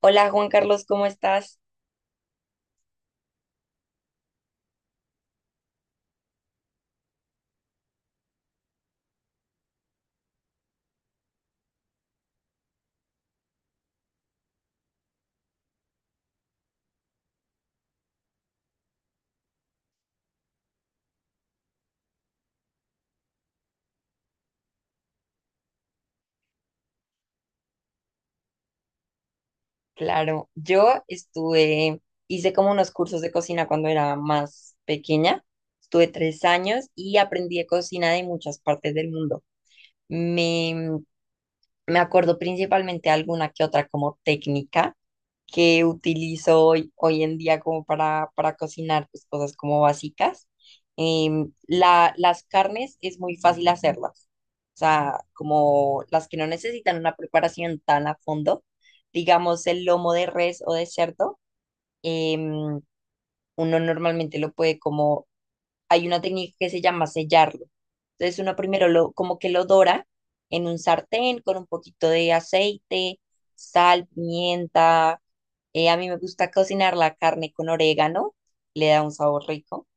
Hola Juan Carlos, ¿cómo estás? Claro, yo estuve, hice como unos cursos de cocina cuando era más pequeña. Estuve tres años y aprendí de cocina de muchas partes del mundo. Me, me acuerdo principalmente alguna que otra como técnica que utilizo hoy en día como para cocinar pues, cosas como básicas. Las carnes es muy fácil hacerlas, o sea, como las que no necesitan una preparación tan a fondo, digamos el lomo de res o de cerdo, em, uno normalmente lo puede como, hay una técnica que se llama sellarlo. Entonces uno primero lo, como que lo dora en un sartén con un poquito de aceite, sal, pimienta a mí me gusta cocinar la carne con orégano, le da un sabor rico.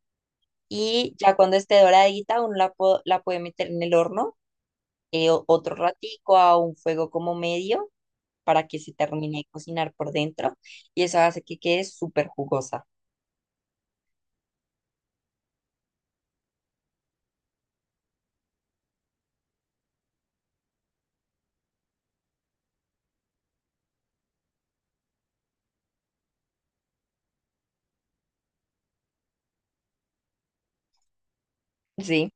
Y ya cuando esté doradita, uno la, la puede meter en el horno otro ratico a un fuego como medio para que se termine de cocinar por dentro. Y eso hace que quede súper jugosa. Sí,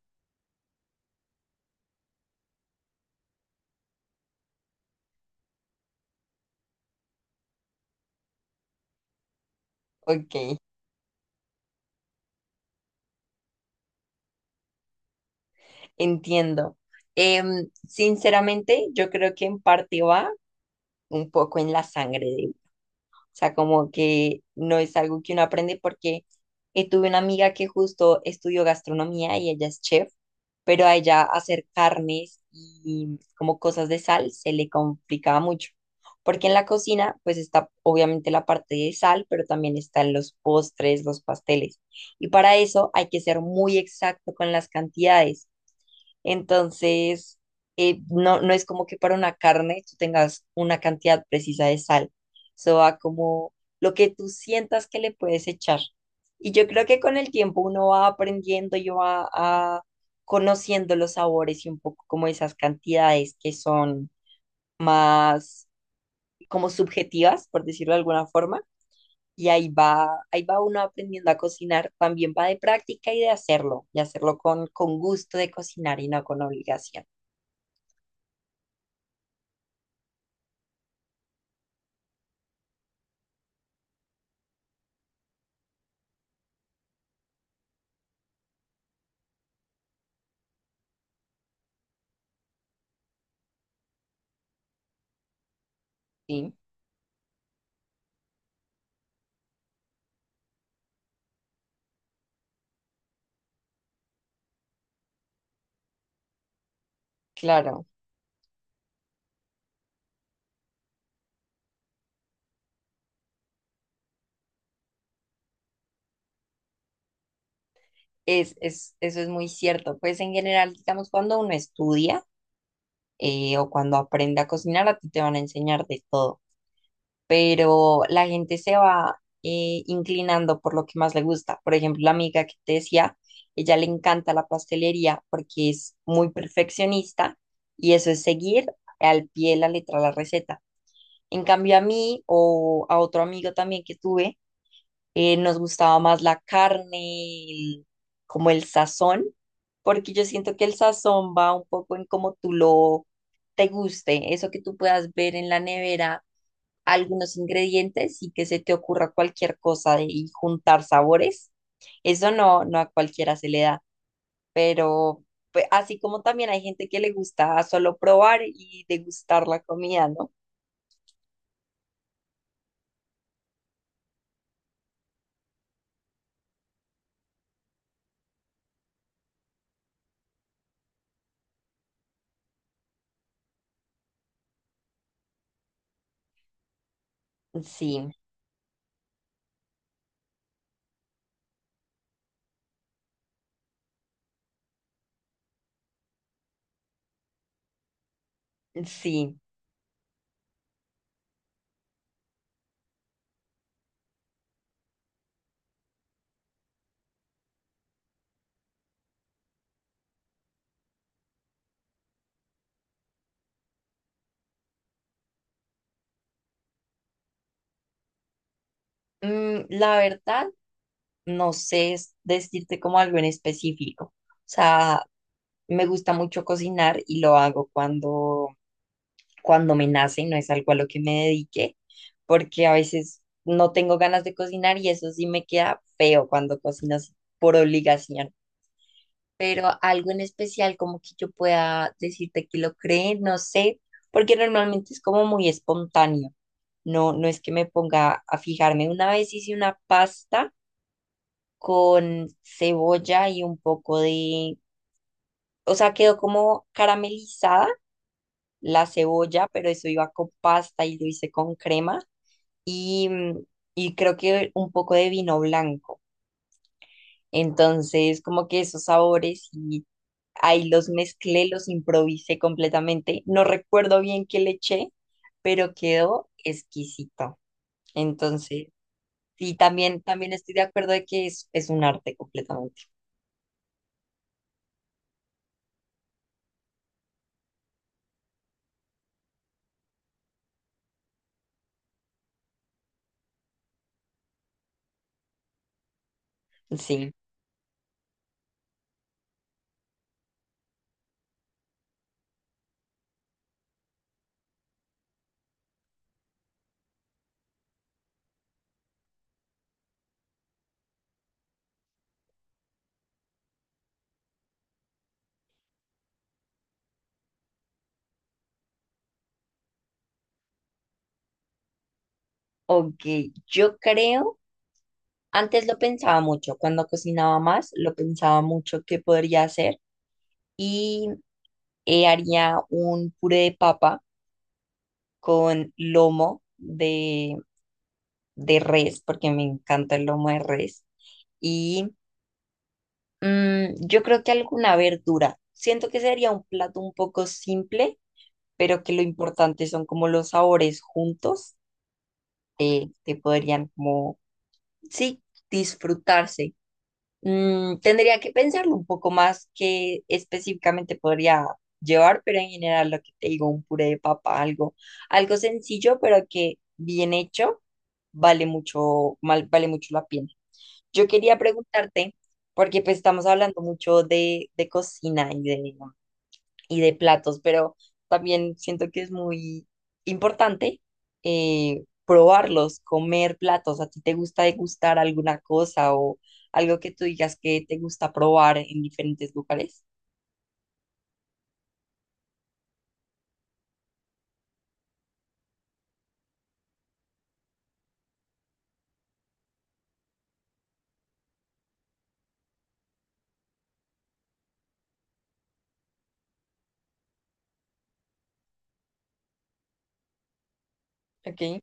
ok, entiendo. Sinceramente, yo creo que en parte va un poco en la sangre. O sea, como que no es algo que uno aprende porque tuve una amiga que justo estudió gastronomía y ella es chef, pero a ella hacer carnes y como cosas de sal se le complicaba mucho. Porque en la cocina, pues está obviamente la parte de sal, pero también están los postres, los pasteles. Y para eso hay que ser muy exacto con las cantidades. Entonces, no, no es como que para una carne tú tengas una cantidad precisa de sal. Eso va como lo que tú sientas que le puedes echar. Y yo creo que con el tiempo uno va aprendiendo y conociendo los sabores y un poco como esas cantidades que son más como subjetivas, por decirlo de alguna forma. Y ahí va uno aprendiendo a cocinar, también va de práctica y de hacerlo, y hacerlo con gusto de cocinar y no con obligación, ¿sí? Claro, eso es muy cierto. Pues en general, digamos, cuando uno estudia o cuando aprende a cocinar, a ti te van a enseñar de todo, pero la gente se va inclinando por lo que más le gusta. Por ejemplo, la amiga que te decía, ella le encanta la pastelería porque es muy perfeccionista y eso es seguir al pie de la letra la receta. En cambio, a mí o a otro amigo también que tuve, nos gustaba más la carne, como el sazón, porque yo siento que el sazón va un poco en cómo tú lo te guste, eso que tú puedas ver en la nevera, algunos ingredientes y que se te ocurra cualquier cosa de, y juntar sabores. Eso no, no a cualquiera se le da, pero pues, así como también hay gente que le gusta solo probar y degustar la comida, ¿no? Sí, sí. Mm, la verdad, no sé decirte como algo en específico. O sea, me gusta mucho cocinar y lo hago cuando, cuando me nace, no es algo a lo que me dedique, porque a veces no tengo ganas de cocinar y eso sí me queda feo cuando cocino así por obligación. Pero algo en especial como que yo pueda decirte que lo cree, no sé, porque normalmente es como muy espontáneo. No, no es que me ponga a fijarme. Una vez hice una pasta con cebolla y un poco de, o sea, quedó como caramelizada la cebolla, pero eso iba con pasta y lo hice con crema y, mm, y creo que un poco de vino blanco. Entonces, como que esos sabores y ahí los mezclé, los improvisé completamente. No recuerdo bien qué le eché, pero quedó exquisito. Entonces, sí, también estoy de acuerdo de que es un arte completamente. Sí. Ok, yo creo, antes lo pensaba mucho, cuando cocinaba más, lo pensaba mucho que podría hacer y haría un puré de papa con lomo de res, porque me encanta el lomo de res, y mm, yo creo que alguna verdura. Siento que sería un plato un poco simple, pero que lo importante son como los sabores juntos, que podrían como, sí, disfrutarse. Mm, tendría que pensarlo un poco más qué específicamente podría llevar, pero en general lo que te digo, un puré de papa, algo, algo sencillo, pero que bien hecho vale mucho, vale mucho la pena. Yo quería preguntarte, porque pues estamos hablando mucho de cocina y de platos, pero también siento que es muy importante probarlos, comer platos. ¿A ti te gusta degustar alguna cosa o algo que tú digas que te gusta probar en diferentes lugares? Ok,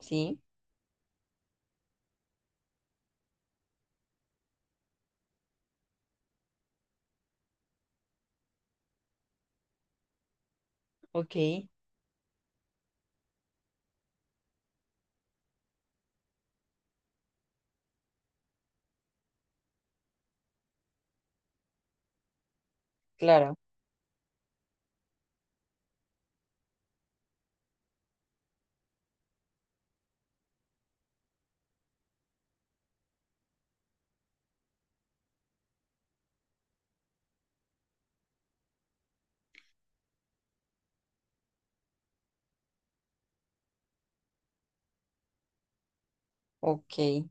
sí, ok, claro, ok,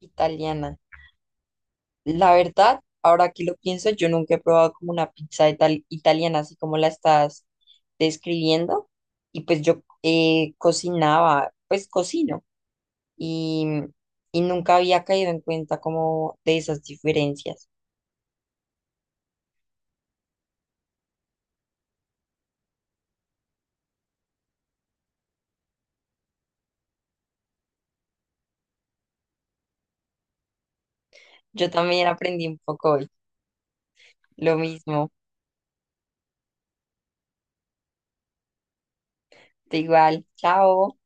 italiana. La verdad, ahora que lo pienso, yo nunca he probado como una pizza italiana, así como la estás describiendo. Y pues yo cocinaba, pues cocino, y, y nunca había caído en cuenta como de esas diferencias. Yo también aprendí un poco hoy. Lo mismo, de igual. Chao.